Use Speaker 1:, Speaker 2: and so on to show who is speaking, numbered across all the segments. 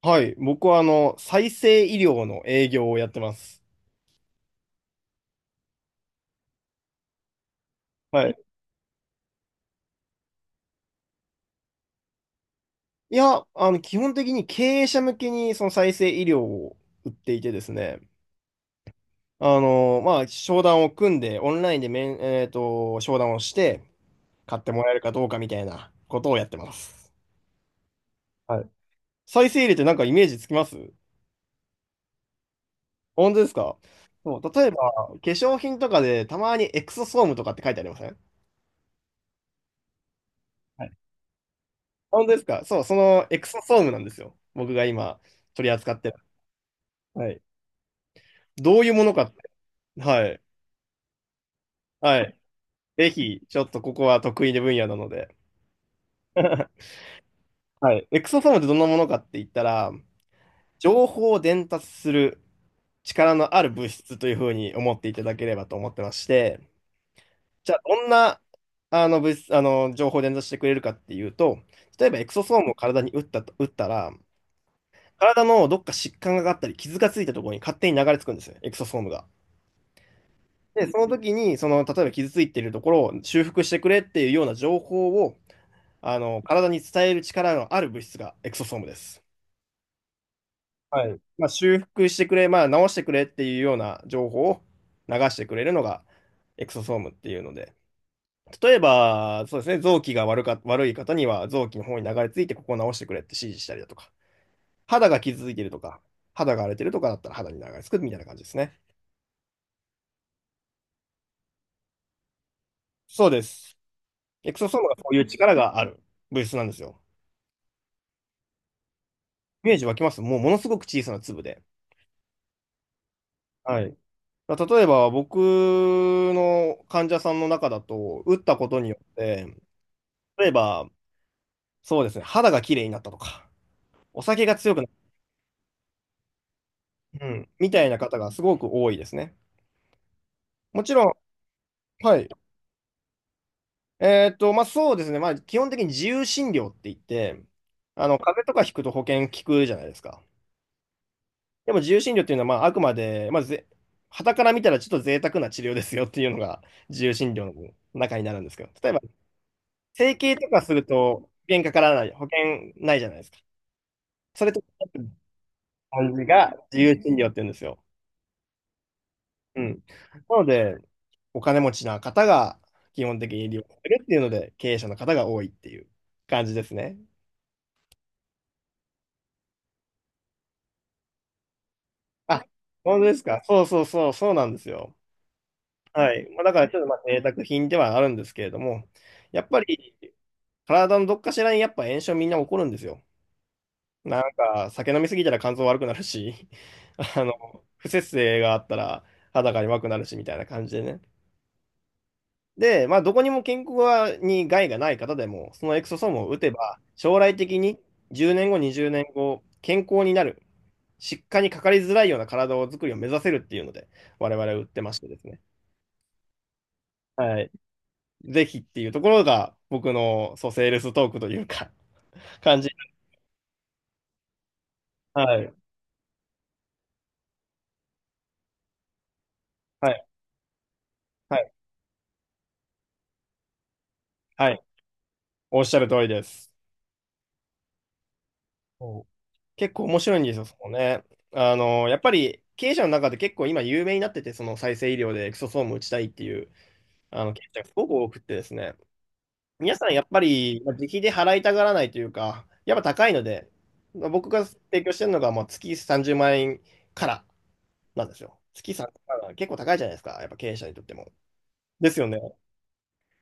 Speaker 1: はい。僕は、再生医療の営業をやってます。はい。いや、基本的に経営者向けに、その再生医療を売っていてですね。まあ、商談を組んで、オンラインで面、えっと、商談をして、買ってもらえるかどうかみたいなことをやってます。はい。再生医療ってなんかイメージつきます？本当ですか？そう、例えば、化粧品とかで、たまにエクソソームとかって書いてありません？はい。本当ですか？そう、そのエクソソームなんですよ。僕が今、取り扱ってる。はい。どういうものかって。はい。はい。ぜひ、ちょっとここは得意な分野なので。はい。エクソソームってどんなものかって言ったら、情報を伝達する力のある物質というふうに思っていただければと思ってまして、じゃあ、どんな、あの物質、情報を伝達してくれるかっていうと、例えばエクソソームを体に打ったと、打ったら、体のどっか疾患があったり、傷がついたところに勝手に流れ着くんですよ、エクソソームが。で、その時に、例えば傷ついているところを修復してくれっていうような情報を体に伝える力のある物質がエクソソームです。はい。まあ、修復してくれ、まあ、直してくれっていうような情報を流してくれるのがエクソソームっていうので、例えば、そうですね、臓器が悪か、悪い方には臓器の方に流れ着いてここを直してくれって指示したりだとか、肌が傷ついてるとか、肌が荒れてるとかだったら肌に流れ着くみたいな感じですね。そうです。エクソソームがそういう力がある物質なんですよ。イメージ湧きます？もうものすごく小さな粒で。はい。だから例えば僕の患者さんの中だと、打ったことによって、例えば、そうですね、肌が綺麗になったとか、お酒が強くなったみたいな方がすごく多いですね。もちろん、はい。まあそうですね、まあ基本的に自由診療って言って、風邪とかひくと保険効くじゃないですか。でも自由診療っていうのは、まああくまで、まあぜ、傍から見たらちょっと贅沢な治療ですよっていうのが自由診療の中になるんですけど、例えば、整形とかすると保険かからない、保険ないじゃないですか。それと感じが自由診療って言うんですよ。うん。なので、お金持ちな方が基本的に利用するっていうので、経営者の方が多いっていう感じですね。あ、本当ですか。そうそうそう、そうなんですよ。はい。まあ、だからちょっとまあ贅沢品ではあるんですけれども、やっぱり体のどっかしらにやっぱ炎症みんな起こるんですよ。なんか、酒飲みすぎたら肝臓悪くなるし、不摂生があったら肌が弱くなるし、みたいな感じでね。で、まあ、どこにも健康に害がない方でも、そのエクソソームを打てば、将来的に10年後、20年後、健康になる、疾患にかかりづらいような体を作りを目指せるっていうので、我々は打ってましてですね。はい。ぜひっていうところが、僕の、そう、セールストークというか、感じ。はい。はい。はい。はい。おっしゃる通りです。そう結構面白いんですよ、そのね。やっぱり経営者の中で結構今有名になってて、その再生医療でエクソソーム打ちたいっていうあの経営者がすごく多くってですね、皆さんやっぱりまあ自費で払いたがらないというか、やっぱ高いので、まあ僕が提供してるのがまあ月30万円からなんですよ。月30円から結構高いじゃないですか、やっぱ経営者にとっても。ですよね。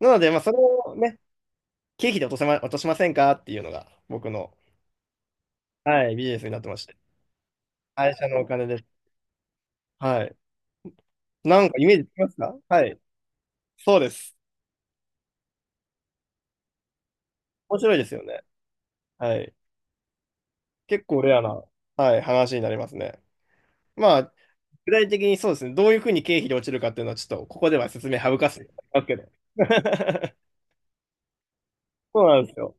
Speaker 1: なので、まあ、それをね、経費で落としませんかっていうのが僕の、はい、ビジネスになってまして、会社のお金です。はい。なんかイメージつきますか？はい。そうです。面白いですよね。はい。結構レアな、はい、話になりますね。まあ、具体的にそうですね、どういうふうに経費で落ちるかっていうのは、ちょっとここでは説明省かせていただきますけど。そうなんですよ。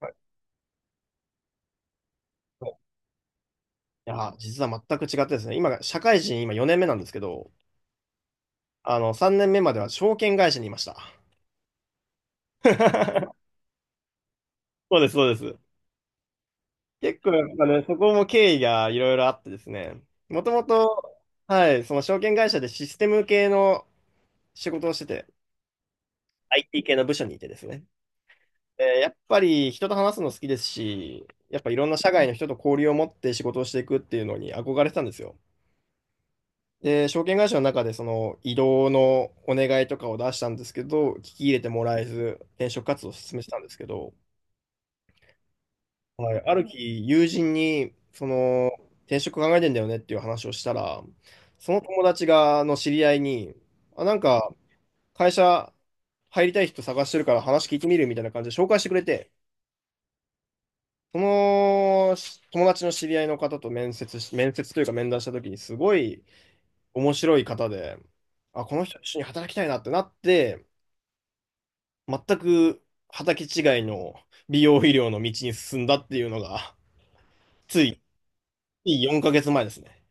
Speaker 1: はい。そう、いや、実は全く違ってですね、今が、社会人、今4年目なんですけど、3年目までは証券会社にいました。そうです、そうです。結構やっぱね、そこも経緯がいろいろあってですね、もともと、はい、その証券会社でシステム系の仕事をしてて、IT 系の部署にいてですね。やっぱり人と話すの好きですし、やっぱいろんな社外の人と交流を持って仕事をしていくっていうのに憧れてたんですよ。で、証券会社の中でその移動のお願いとかを出したんですけど、聞き入れてもらえず、転職活動を進めてたんですけど、はい、ある日、友人に、転職考えてんだよねっていう話をしたら、その友達が、の知り合いに、あ、なんか、会社入りたい人探してるから話聞いてみるみたいな感じで紹介してくれて、そのし友達の知り合いの方と面接というか面談した時にすごい面白い方で、あ、この人と一緒に働きたいなってなって、全く畑違いの美容医療の道に進んだっていうのが、つい4ヶ月前ですね。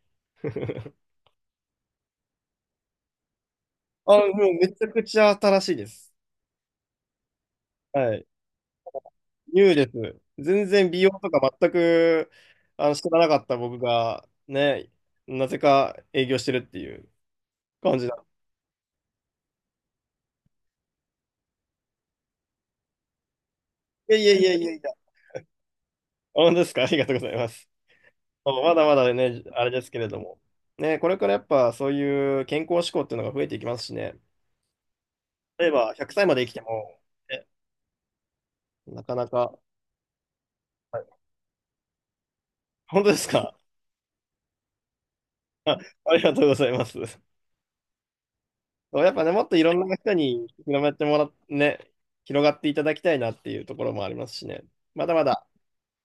Speaker 1: あ、もうめちゃくちゃ新しいです。はい。ニューです。全然美容とか全く、知らなかった僕が、ね、なぜか営業してるっていう感じだ。いやいやいやいやいや。本当ですか？ ありがとうございます。そうまだまだね、あれですけれども。ね、これからやっぱそういう健康志向っていうのが増えていきますしね。例えば100歳まで生きても、え、なかなか、はい。本当ですか？あ、ありがとうございます。そうやっぱね、もっといろんな人に広めてもらっね、広がっていただきたいなっていうところもありますしね。まだまだ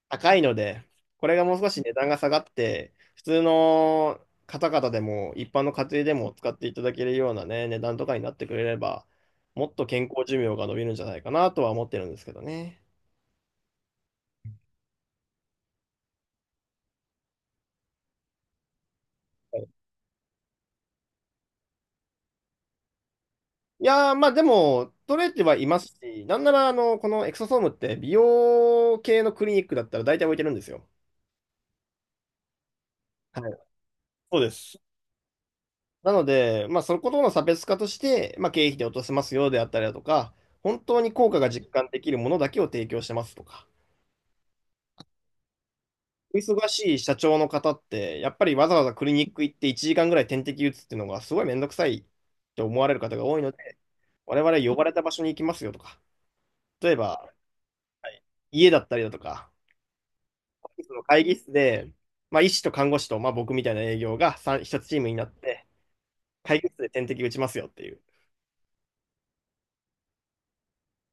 Speaker 1: 高いので、これがもう少し値段が下がって、普通の方々でも、一般の家庭でも使っていただけるようなね、値段とかになってくれれば、もっと健康寿命が伸びるんじゃないかなとは思ってるんですけどね。はい。いやー、まあでも、取れてはいますし、なんなら、このエクソソームって美容系のクリニックだったら大体置いてるんですよ。はい、そうです。なので、まあ、そことの差別化として、まあ、経費で落とせますよであったりだとか、本当に効果が実感できるものだけを提供してますとか、お忙しい社長の方って、やっぱりわざわざクリニック行って1時間ぐらい点滴打つっていうのがすごいめんどくさいって思われる方が多いので、我々呼ばれた場所に行きますよとか、例えば家だったりだとか、オフィスの会議室で、まあ、医師と看護師と、まあ、僕みたいな営業が3、一つチームになって、会議室で点滴打ちますよっていう。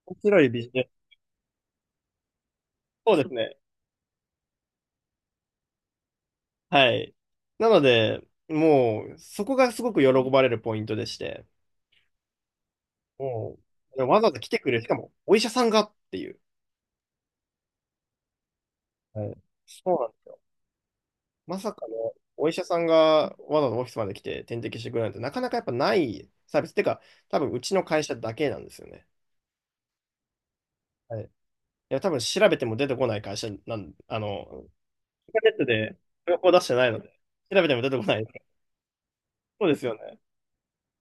Speaker 1: 面白いビジネス。そうですね。はい。なので、もう、そこがすごく喜ばれるポイントでして、もう、わざわざ来てくれる、しかも、お医者さんがっていう。はい。そうなんですよ。まさかね、お医者さんがわざわざオフィスまで来て点滴してくれるなんて、なかなかやっぱないサービス。てか、多分うちの会社だけなんですよね。はい。いや、多分調べても出てこない会社なん、インターネットで情報出してないので、調べても出てこない。そうですよね。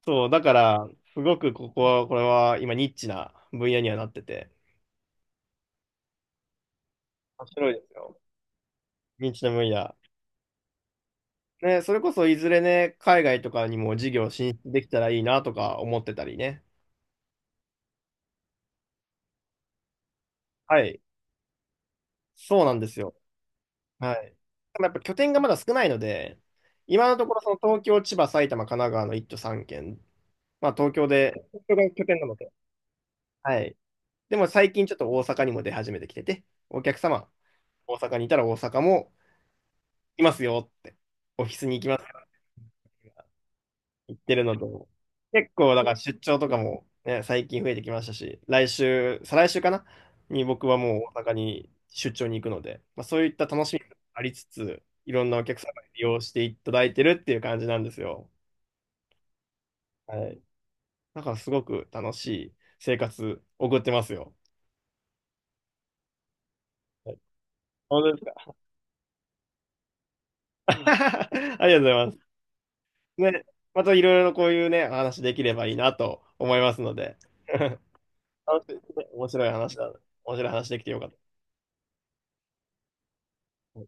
Speaker 1: そう、だから、すごくこれは今ニッチな分野にはなってて、面白いですよ。ニッチな分野。ね、それこそいずれね、海外とかにも事業進出できたらいいなとか思ってたりね。はい。そうなんですよ。はい。でもやっぱ拠点がまだ少ないので、今のところその東京、千葉、埼玉、神奈川の1都3県、東京が拠点なので、はい。でも最近ちょっと大阪にも出始めてきてて、お客様、大阪にいたら大阪もいますよって、オフィスに行きます行ってるのと、結構だから出張とかもね、最近増えてきましたし、来週、再来週かなに僕はもう大阪に出張に行くので、まあ、そういった楽しみもありつつ、いろんなお客様に利用していただいてるっていう感じなんですよ。はい。だからすごく楽しい生活送ってますよ。はい。本当ですか？ ありがとうございます。ね、またいろいろこういうね、話できればいいなと思いますので、楽しい、面白い話だ。面白い話できてよかった。